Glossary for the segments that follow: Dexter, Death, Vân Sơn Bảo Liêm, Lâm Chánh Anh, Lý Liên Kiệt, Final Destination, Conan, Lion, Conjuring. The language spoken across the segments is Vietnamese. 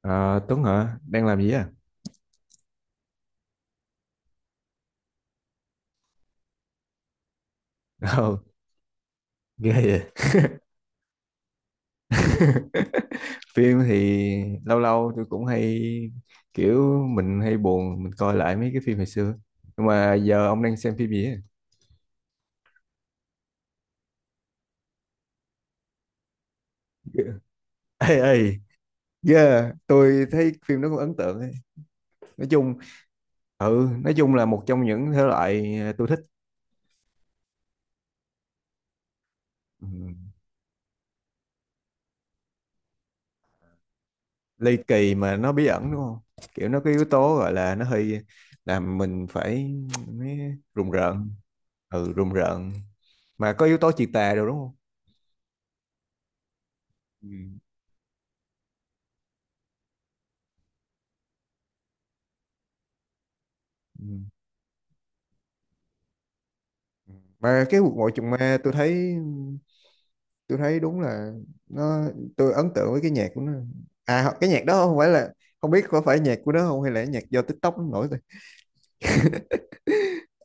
Ờ, Tuấn hả? Đang làm gì á? Ồ, ghê vậy. Phim thì lâu lâu tôi cũng hay kiểu mình hay buồn mình coi lại mấy cái phim hồi xưa. Nhưng mà giờ ông đang xem phim gì á? Ê ê, yeah, tôi thấy phim đó cũng ấn tượng ấy. Nói chung, ừ, nói chung là một trong những thể loại tôi thích. Ừ, ly kỳ mà nó bí ẩn đúng không? Kiểu nó có yếu tố gọi là nó hơi làm mình phải rùng rợn. Ừ, rùng rợn. Mà có yếu tố chị tà rồi đúng không? Ừ. Ừ. Ừ, mà cái cuộc ngồi trùng ma tôi thấy đúng là nó, tôi ấn tượng với cái nhạc của nó. Cái nhạc đó không phải là, không biết có phải nhạc của nó không hay là nhạc do TikTok nó nổi thôi.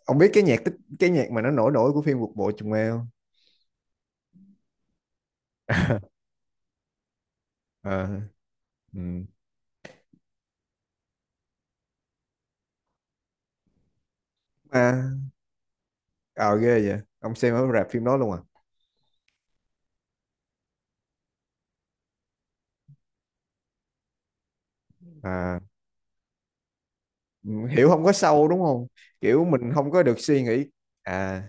Ông biết cái nhạc tích, cái nhạc mà nó nổi nổi của phim cuộc bộ trùng ma không? Ờ, ừ. À, ờ ghê vậy, ông xem ở rạp phim đó luôn à? À, ừ, hiểu không có sâu đúng không, kiểu mình không có được suy nghĩ. À,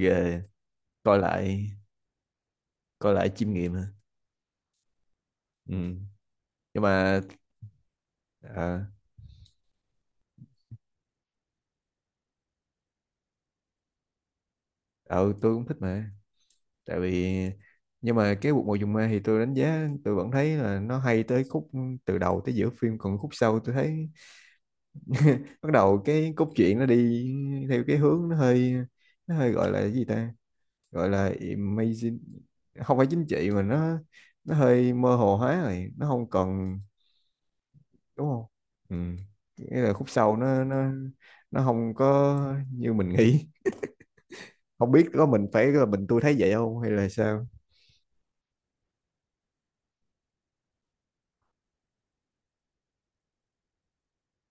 ghê. Coi lại, coi lại chiêm nghiệm ha. Ừ. Nhưng mà ờ ờ, tôi cũng thích mà. Tại vì, nhưng mà cái Cuộc Mùa Trùng Ma thì tôi đánh giá tôi vẫn thấy là nó hay tới khúc từ đầu tới giữa phim, còn khúc sau tôi thấy bắt đầu cái cốt truyện nó đi theo cái hướng nó hơi, nó hơi gọi là cái gì ta, gọi là amazing. Không phải chính trị mà nó hơi mơ hồ hóa rồi nó không còn, đúng không? Ừ. Nghĩa là khúc sau nó không có như mình nghĩ. Không biết có mình phải là mình tôi thấy vậy không hay là sao.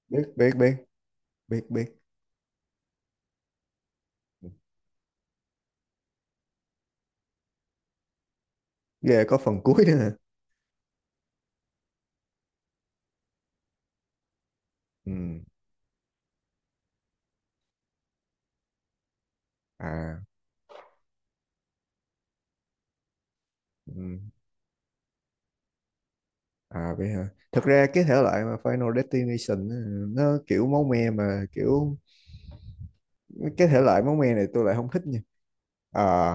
Biết biết biết biết biết Ghê, có phần cuối nữa hả? Ừ. À. Ừ. À vậy hả, thật ra cái thể loại mà Final Destination á, nó kiểu máu me mà kiểu, cái thể loại máu me này tôi lại không thích nha. À,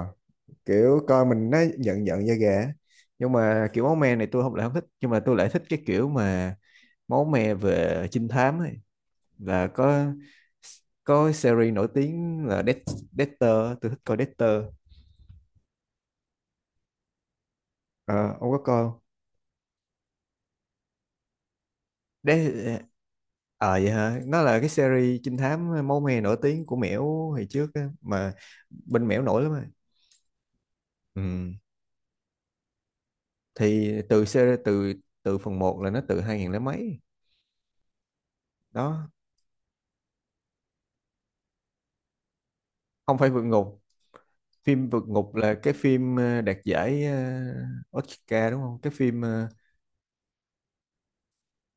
kiểu coi mình nó giận giận da gà á. Nhưng mà kiểu máu me này tôi không lại không thích, nhưng mà tôi lại thích cái kiểu mà máu me về trinh thám ấy, là có series nổi tiếng là Death, Dexter, tôi thích coi Dexter. Ờ, ông có coi không? Đấy, ờ vậy hả? Nó là cái series trinh thám ờ, máu me nổi tiếng của Mẻo hồi trước á, mà bên Mẻo nổi lắm mà. Ừ. Thì từ series từ từ phần một là nó từ 2000 lấy mấy. Đó, không phải vượt ngục. Phim vượt ngục là cái phim đạt giải Oscar đúng không? Cái phim ờ,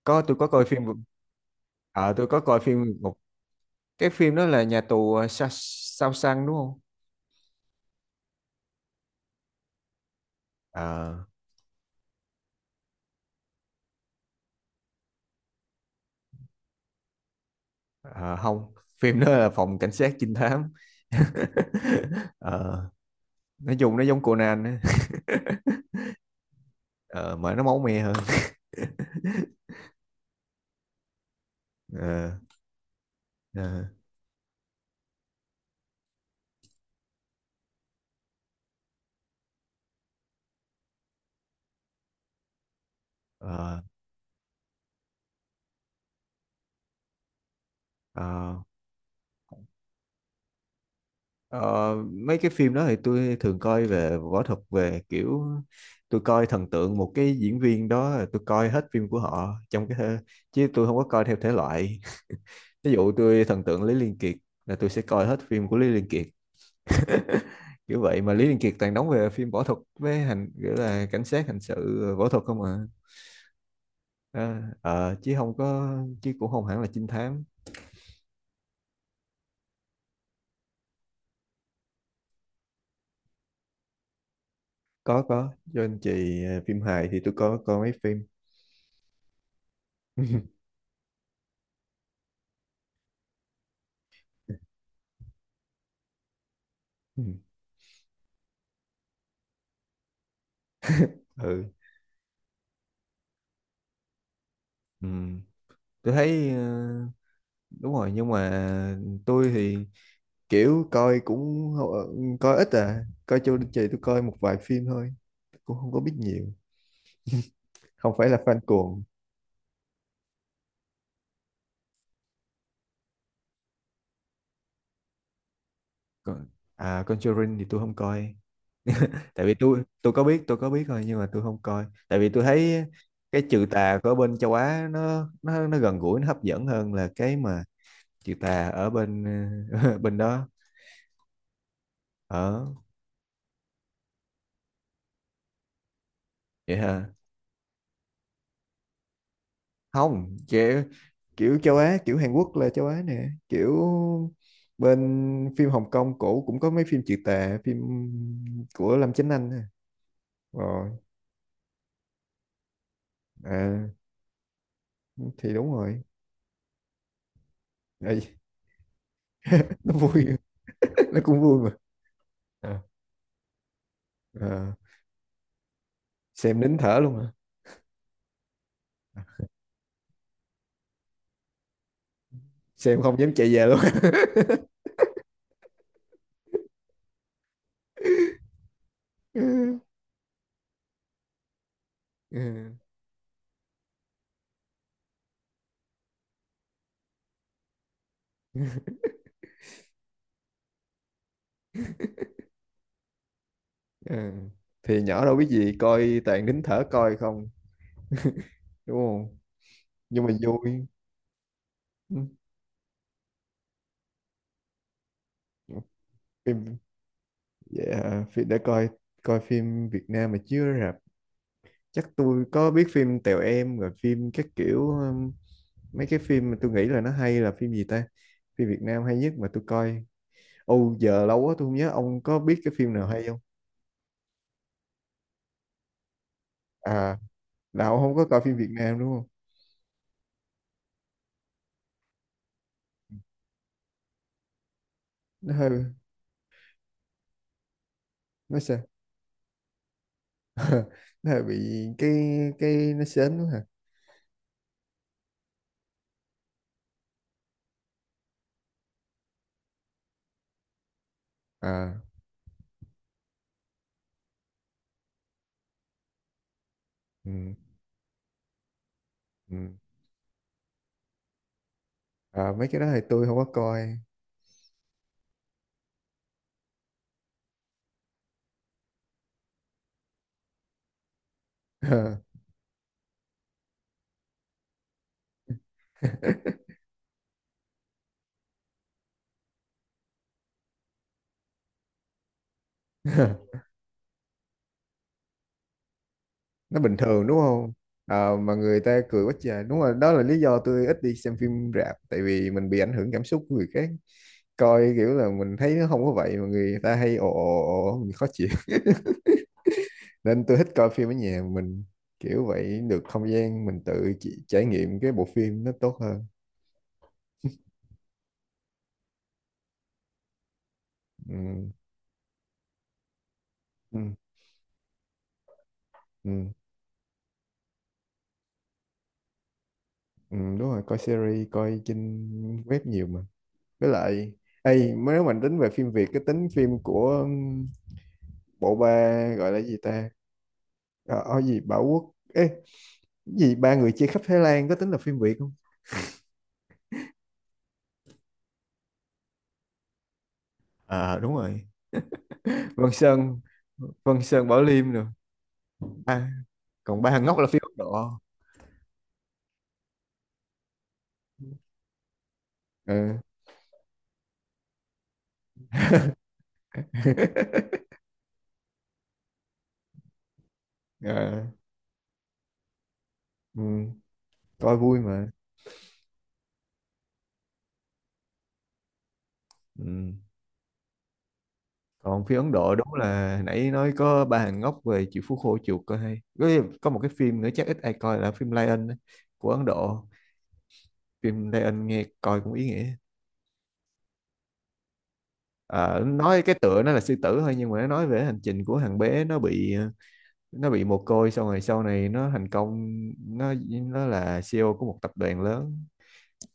có tôi có coi phim vượt ờ Tôi có coi phim vượt ngục. Cái phim đó là nhà tù ờ, Sa- Sao Sang đúng không? Ờ. Ờ, không, phim đó là phòng cảnh sát trinh thám. Ờ, nói chung nó giống Conan á. Ờ, mà nó máu me hơn. Ờ, ờ, ờ, ờ. Ờ, Mấy cái phim đó thì tôi thường coi về võ thuật, về kiểu tôi coi thần tượng một cái diễn viên đó là tôi coi hết phim của họ trong cái thơ, chứ tôi không có coi theo thể loại. Ví dụ tôi thần tượng Lý Liên Kiệt là tôi sẽ coi hết phim của Lý Liên Kiệt, kiểu vậy. Mà Lý Liên Kiệt toàn đóng về phim võ thuật với hành kiểu là cảnh sát hành sự, võ thuật không à. Ờ, chứ không có, chứ cũng không hẳn là trinh thám. Có cho anh chị phim hài thì tôi có coi mấy phim. ừ ừ Ừ. Tôi thấy đúng rồi, nhưng mà tôi thì kiểu coi cũng coi ít à, coi cho anh chị tôi coi một vài phim thôi, cũng không có biết nhiều, không phải là fan cuồng. Còn à Conjuring thì tôi không coi, tại vì tôi có biết thôi, nhưng mà tôi không coi tại vì tôi thấy cái trừ tà của bên châu Á nó gần gũi, nó hấp dẫn hơn là cái mà trừ tà ở bên bên đó. Ở vậy hả, không kiểu, kiểu châu Á kiểu Hàn Quốc là châu Á nè, kiểu bên phim Hồng Kông cổ cũng có mấy phim trừ tà, phim của Lâm Chánh Anh nè. Rồi, à, thì đúng rồi. Ây, nó vui, nó cũng vui mà. Ờ, ờ, xem nín thở luôn à. Xem không dám chạy về luôn. Ừ. Ừ. Ừ, thì nhỏ đâu biết gì coi toàn nín thở coi không, đúng không? Nhưng mà vui. Ừ. phim dạ, phim để coi coi phim Việt Nam mà chưa, rạp, chắc tôi có biết phim Tèo Em rồi phim các kiểu mấy cái phim mà tôi nghĩ là nó hay là phim gì ta, phim Việt Nam hay nhất mà tôi coi, ô giờ lâu quá tôi không nhớ, ông có biết cái phim nào hay không? À, là ông không có coi phim Việt Nam đúng không? Nó hơi, nó sao. Nó là bị cái nó sến quá hả? À, ừ, ừ. À, mấy cái đó thì tôi không có coi. Nó bình thường đúng không? À, mà người ta cười quá trời, đúng rồi, đó là lý do tôi ít đi xem phim rạp, tại vì mình bị ảnh hưởng cảm xúc của người khác. Coi kiểu là mình thấy nó không có vậy mà người ta hay ồ ồ ồ, mình khó chịu. Nên tôi thích coi phim ở nhà mình, kiểu vậy được không gian mình tự trải nghiệm cái bộ phim nó tốt hơn. Ừ. Ừ. Ừ. Ừ, đúng rồi, coi series, coi trên web nhiều mà. Với lại, ê, nếu mà tính về phim Việt, cái tính phim của bộ ba gọi là gì ta? Ờ, ở gì Bảo Quốc, ê, cái gì ba người chia khắp Thái Lan có tính là phim Việt không? À đúng rồi. Vân Sơn, Vân Sơn Bảo Liêm rồi. À, còn ba thằng ngốc là phim Ấn Độ. Ừ. Ờ, ừ, coi vui mà. Ừ. Còn phim Ấn Độ đúng là nãy nói có ba hàng ngốc về chịu phú khô chuột coi hay, có một cái phim nữa chắc ít ai coi là phim Lion á, của Ấn Độ, phim Lion nghe coi cũng ý nghĩa. Ờ, nói cái tựa nó là sư tử thôi nhưng mà nó nói về hành trình của thằng bé nó bị, nó bị mồ côi xong rồi sau này nó thành công, nó là CEO của một tập đoàn lớn,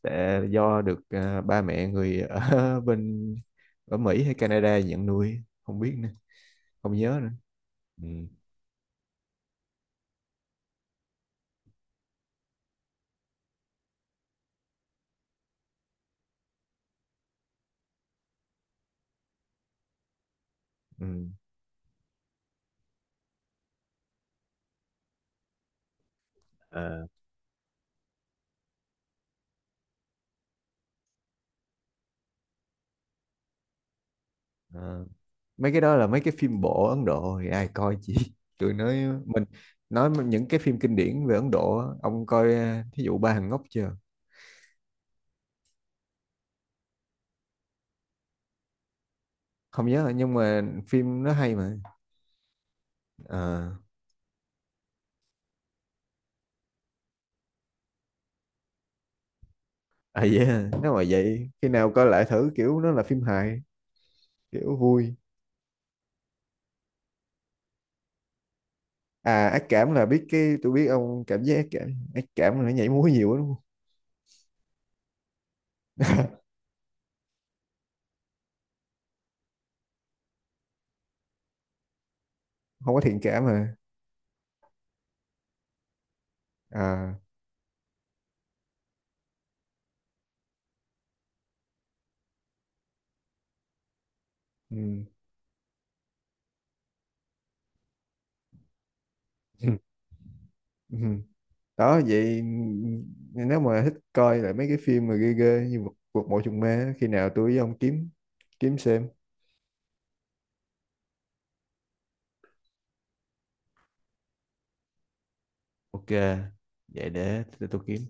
tại do được à, ba mẹ người ở bên, ở Mỹ hay Canada nhận nuôi không biết nữa, không nhớ nữa. Ừ. Ừ. Ờ, Ờ, mấy cái đó là mấy cái phim bộ Ấn Độ thì ai coi, chị tôi nói, mình nói những cái phim kinh điển về Ấn Độ á, ông coi thí dụ Ba Hàng Ngốc chưa? Không nhớ nhưng mà phim nó hay mà. Ờ. À yeah, nếu mà vậy khi nào coi lại thử, kiểu nó là phim hài, kiểu vui. À, ác cảm là biết, cái tôi biết ông cảm giác ác cảm, ác cảm là nó nhảy múa nhiều lắm đúng không? Không có thiện cảm mà. À, ừ. Đó vậy, nếu mà thích coi lại mấy cái phim mà ghê ghê như cuộc, cuộc mộ trùng ma á, khi nào tôi với ông kiếm, kiếm xem. Ok, vậy để tôi kiếm.